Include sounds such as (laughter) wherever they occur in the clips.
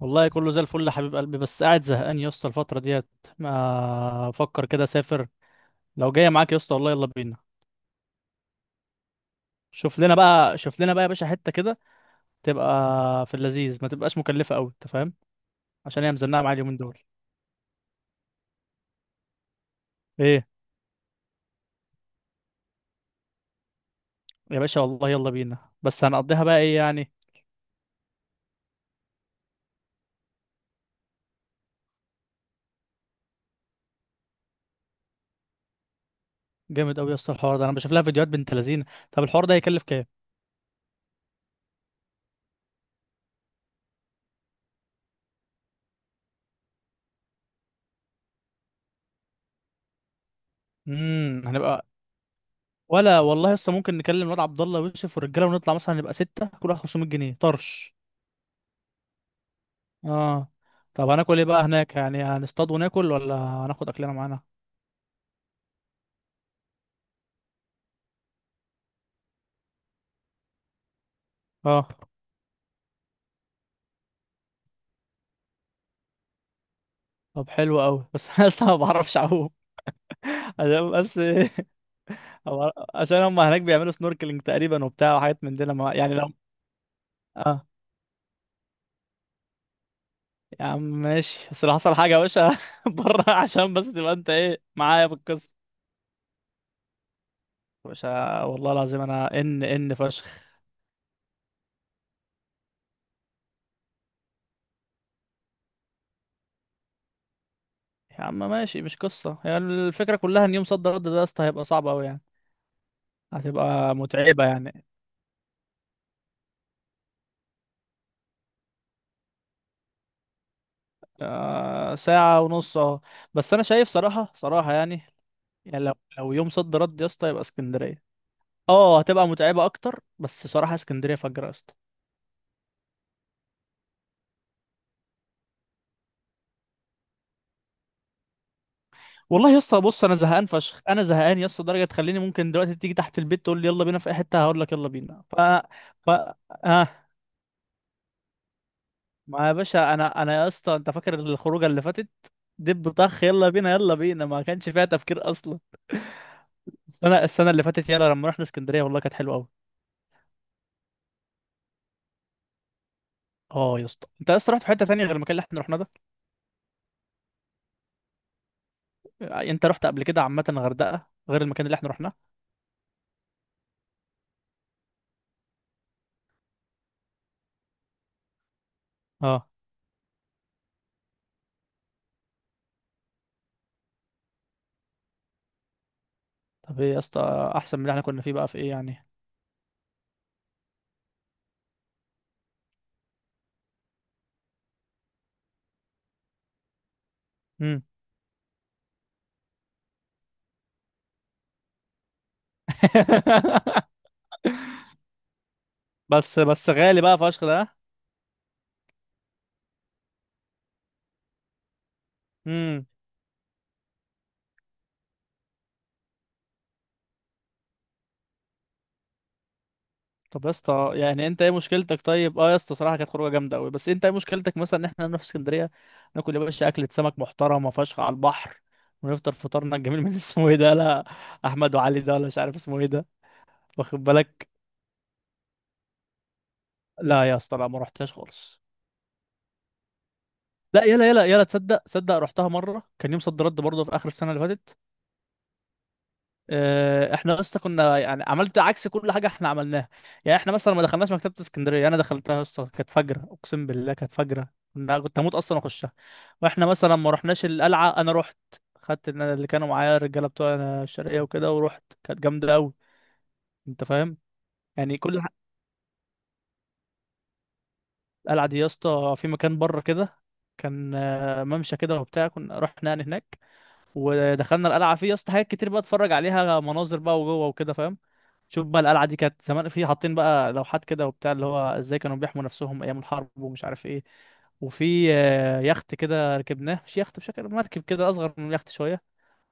والله كله زي الفل يا حبيب قلبي، بس قاعد زهقان يا اسطى الفترة ديت. ما افكر كده اسافر. لو جاية معاك يا اسطى والله يلا بينا. شوف لنا بقى يا باشا حتة كده تبقى في اللذيذ، ما تبقاش مكلفة قوي، انت فاهم؟ عشان هي مزنقة معايا اليومين دول. ايه يا باشا، والله يلا بينا، بس هنقضيها بقى ايه يعني؟ جامد قوي يا اسطى الحوار ده. انا بشوف لها فيديوهات بنت لذينه. طب الحوار ده هيكلف كام؟ هنبقى، ولا والله يا اسطى ممكن نكلم الواد عبد الله ويوسف والرجاله، ونطلع مثلا نبقى ستة، كل واحد 500 جنيه طرش. اه. طب هناكل ايه بقى هناك يعني؟ هنصطاد وناكل ولا هناخد اكلنا معانا؟ اه. طب حلو قوي (laughs) بس انا اصلا ما بعرفش اعوم. عشان بس (laughs) عشان هم هناك بيعملوا سنوركلينج تقريبا وبتاع، وحاجات من دي لما يعني لو. اه. يا عم ماشي، بس لو حصل حاجه يا باشا (laughs) بره، عشان بس تبقى انت ايه معايا في القصه. يا باشا والله العظيم انا ان فشخ. يا عم ماشي، مش قصه، يعني الفكره كلها ان يوم صد رد ده يا اسطى هيبقى صعب قوي يعني، هتبقى متعبه يعني. ساعة ونص اهو. بس انا شايف صراحة يعني، يعني لو يوم صد رد يا اسطى يبقى اسكندرية. اه هتبقى متعبة اكتر، بس صراحة اسكندرية فجرة يا اسطى. والله يا اسطى بص، انا زهقان فشخ، انا زهقان يا اسطى لدرجة تخليني ممكن دلوقتي تيجي تحت البيت تقول لي يلا بينا في اي حتة هقول لك يلا بينا. ف ف اه. ما يا باشا انا يا اسطى انت فاكر الخروجة اللي فاتت؟ دب طخ يلا بينا يلا بينا، ما كانش فيها تفكير اصلا. السنة اللي فاتت يلا لما رحنا اسكندرية والله كانت حلوة قوي. اه يا اسطى انت اصلا رحت في حته تانية غير المكان اللي احنا رحناه ده. انت رحت قبل كده عامه غردقه غير المكان اللي احنا رحناه. اه. طب ايه يا اسطى احسن من اللي احنا كنا فيه بقى في ايه يعني؟ امم (laughs) بس غالي بقى فشخ ده. امم طب يا اسطى يعني انت ايه مشكلتك؟ طيب اه يا اسطى صراحه كانت خروجه جامده قوي، بس انت ايه مشكلتك مثلا ان احنا نروح اسكندريه؟ ناكل يا باشا اكله سمك محترمه فشخ على البحر، ونفطر فطارنا الجميل من (laughs) اسمه ايه ده؟ لا، احمد وعلي ده، ولا مش عارف اسمه ايه ده، واخد بالك؟ لا يا اسطى لا، ما رحتهاش خالص. لا، يلا يلا يلا، تصدق تصدق رحتها مره، كان يوم صد رد برضه في اخر السنه اللي فاتت. احنا يا اسطى كنا يعني عملت عكس كل حاجه احنا عملناها. يعني احنا مثلا ما دخلناش مكتبه اسكندريه، انا دخلتها يا اسطى كانت فجره، اقسم بالله كانت فجره، كنت هموت اصلا اخشها. واحنا مثلا ما رحناش القلعه، انا رحت. خدت إن أنا اللي كانوا معايا الرجاله بتوع الشرقيه وكده، ورحت كانت جامده قوي، انت فاهم؟ يعني كل القلعه دي يا اسطى في مكان بره كده، كان ممشى كده وبتاع، كنا رحنا يعني هناك ودخلنا القلعه. فيه يا اسطى حاجات كتير بقى اتفرج عليها، مناظر بقى وجوه وكده، فاهم؟ شوف بقى، القلعه دي كانت زمان في حاطين بقى لوحات كده وبتاع، اللي هو ازاي كانوا بيحموا نفسهم ايام الحرب ومش عارف ايه. وفي يخت كده ركبناه، مش يخت، بشكل مركب كده، اصغر من اليخت شويه.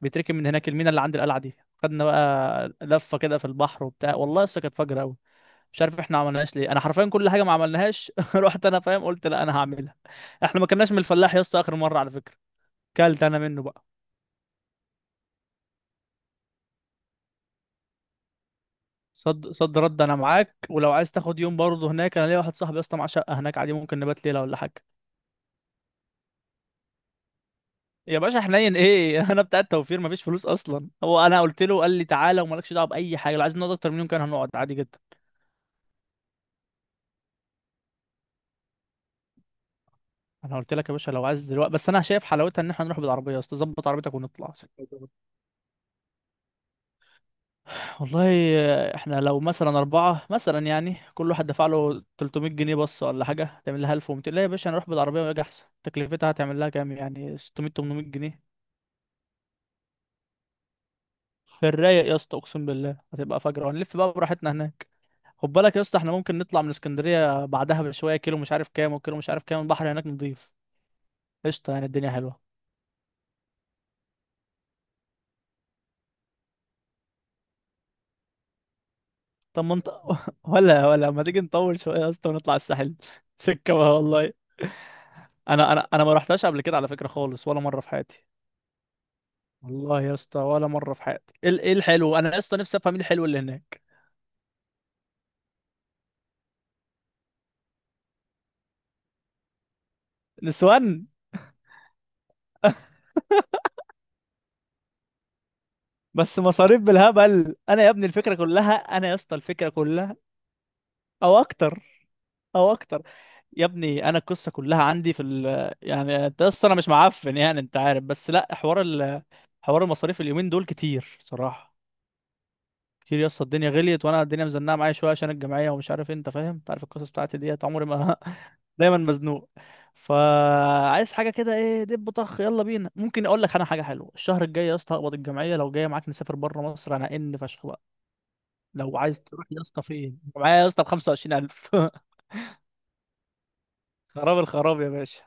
بيتركب من هناك المينا اللي عند القلعه دي، خدنا بقى لفه كده في البحر وبتاع، والله لسه كانت فجر قوي. مش عارف احنا ما عملناهاش ليه، انا حرفيا كل حاجه ما عملناهاش (laughs) رحت انا فاهم، قلت لا انا هعملها. احنا ما كناش من الفلاح يا اسطى اخر مره على فكره، كلت انا منه بقى. صد رد انا معاك، ولو عايز تاخد يوم برضه هناك انا ليا واحد صاحبي يا اسطى معاه شقه هناك، عادي ممكن نبات ليله ولا حاجه. يا باشا حنين ايه؟ (laughs) انا بتاع التوفير مفيش فلوس اصلا. هو انا قلت له قال لي تعالى ومالكش دعوه باي حاجه، لو عايز نقعد اكتر من يوم كان هنقعد عادي جدا. انا قلت لك يا باشا لو عايز دلوقتي، بس انا شايف حلاوتها ان احنا نروح بالعربيه يا اسطى، ظبط عربيتك ونطلع. والله احنا لو مثلا أربعة مثلا، يعني كل واحد دفع له 300 جنيه بس ولا حاجة، تعمل لها 1200. لا يا باشا هنروح بالعربية ويجي أحسن، تكلفتها هتعمل لها كام؟ يعني 600 800 جنيه. في الرايق يا اسطى أقسم بالله هتبقى فجرة، وهنلف بقى براحتنا هناك. خد بالك يا اسطى، احنا ممكن نطلع من اسكندرية بعدها بشوية كيلو مش عارف كام، وكيلو مش عارف كام البحر هناك نضيف. قشطة، يعني الدنيا حلوة. طب ما انت (laughs) ولا ما تيجي نطول شوية يا اسطى ونطلع الساحل (laughs) سكة بقى والله. انا ما رحتهاش قبل كده على فكرة خالص، ولا مرة في حياتي. والله يا اسطى ولا مره في حياتي. ايه إيه الحلو؟ انا يا اسطى نفسي افهم ايه الحلو اللي هناك؟ نسوان (laughs) بس مصاريف بالهبل، انا يا ابني الفكره كلها، انا يا اسطى الفكره كلها. او اكتر، او اكتر. يا ابني انا القصه كلها عندي في ال، يعني انت يا اسطى انا مش معفن يعني انت عارف، بس لا، حوار المصاريف اليومين دول كتير صراحه. كتير يا اسطى، الدنيا غليت، وانا الدنيا مزنقه معايا شويه عشان الجمعيه ومش عارف انت فاهم، انت عارف القصص بتاعتي ديت، عمري ما (laughs) دايما مزنوق. فعايز حاجه كده ايه، دب طخ يلا بينا. ممكن اقول لك انا حاجه حلوه، الشهر الجاي يا اسطى هقبض الجمعيه، لو جايه معاك نسافر بره مصر انا فشخ بقى. لو عايز تروح يا اسطى فين معايا يا اسطى ب 25000 (laughs) خراب الخراب يا باشا.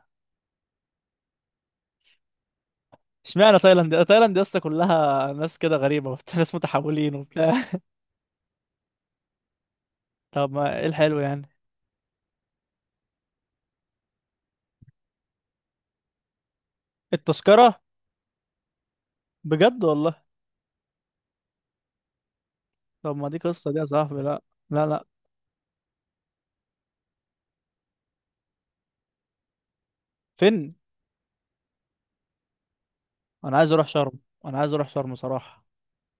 اشمعنى تايلاند؟ تايلاند يا اسطى كلها ناس كده غريبه وبتاع (laughs) ناس متحولين وبتاع. طب ما ايه الحلو يعني؟ التذكره بجد والله؟ طب ما دي قصه دي يا صاحبي، لا. لا لا. فين؟ انا عايز اروح شرم. انا عايز اروح شرم صراحة.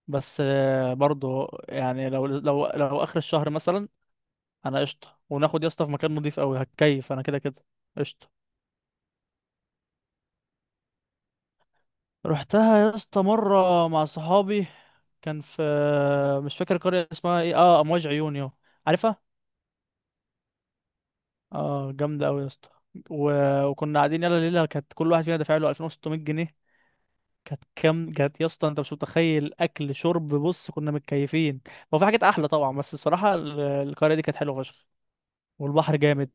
بس برضو يعني لو اخر الشهر مثلا انا قشطة، وناخد يا اسطى في مكان نضيف قوي هتكيف انا، كده كده قشطة. رحتها يا اسطى مرة مع صحابي. كان في، مش فاكر قرية اسمها ايه، اه امواج عيون يو، عارفها؟ اه جامدة قوي يا اسطى. و... وكنا قاعدين يلا ليلة، كانت كل واحد فينا دافع له 2600 جنيه. كانت كام؟ كانت يا اسطى انت مش متخيل، اكل شرب بص كنا متكيفين. هو في حاجات احلى طبعا، بس الصراحه القريه دي كانت حلوه فشخ، والبحر جامد.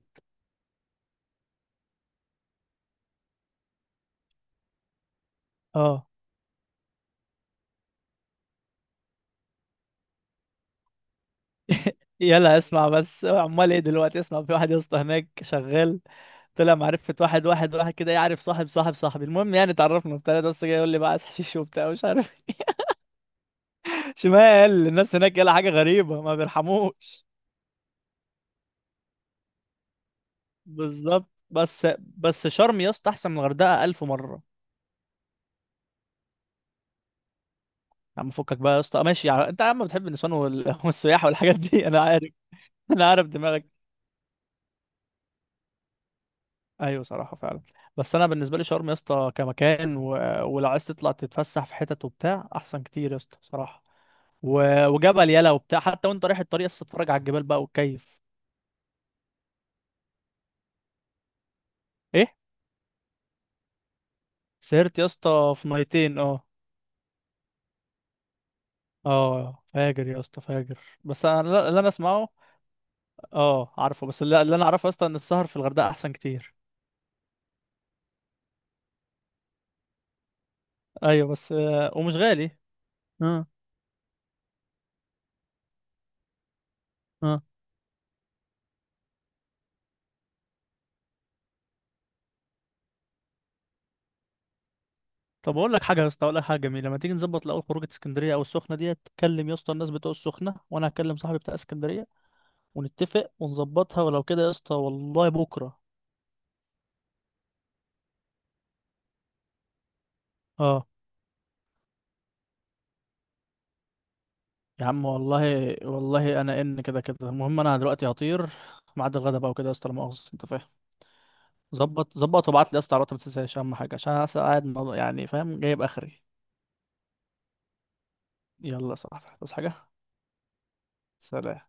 اه. يلا اسمع، بس عمال ايه دلوقتي؟ اسمع، في واحد يا اسطى هناك شغال، طلع معرفه واحد كده يعرف صاحب صاحبي. المهم يعني اتعرفنا وبتاع ده، بس جاي يقول لي بقى عايز حشيش وبتاع مش عارف (laughs) ايه. شمال الناس هناك يلا، حاجه غريبه، ما بيرحموش. بالظبط. بس شرم يا اسطى احسن من الغردقه الف مره. يا عم فكك بقى يا اسطى، ماشي يعني انت يا عم بتحب النسوان (laughs) والسياحه والحاجات دي، انا عارف (laughs) انا عارف دماغك. ايوه صراحه فعلا، بس انا بالنسبه لي شرم يا اسطى كمكان ولو عايز تطلع تتفسح في حتت وبتاع احسن كتير يا اسطى صراحه. وجبل يلا وبتاع، حتى وانت رايح الطريق لسه تتفرج على الجبال بقى وتكيف. ايه؟ سهرت يا اسطى في ميتين اه. اه فاجر يا اسطى فاجر. بس انا اللي انا اسمعه. اه عارفه، بس اللي انا اعرفه يا اسطى ان السهر في الغردقه احسن كتير. ايوه، بس ومش غالي. اه. اه. طب اقول لك حاجه يا اسطى، اقول لك حاجه جميله، ما تيجي نظبط الاول خروجه اسكندريه او السخنه ديت؟ تكلم يا اسطى الناس بتوع السخنه، وانا هكلم صاحبي بتاع اسكندريه، ونتفق ونظبطها، ولو كده يا اسطى والله بكره. اه. يا عم والله والله انا ان كده كده، المهم انا دلوقتي هطير، ميعاد الغدا بقى وكده يا اسطى لا مؤاخذه، انت فاهم. ظبط وابعت لي يا اسطى على الوقت ما تنساش، اهم حاجه عشان انا لسه قاعد يعني فاهم، جايب اخري. يلا يا صاحبي تصحى حاجه. سلام.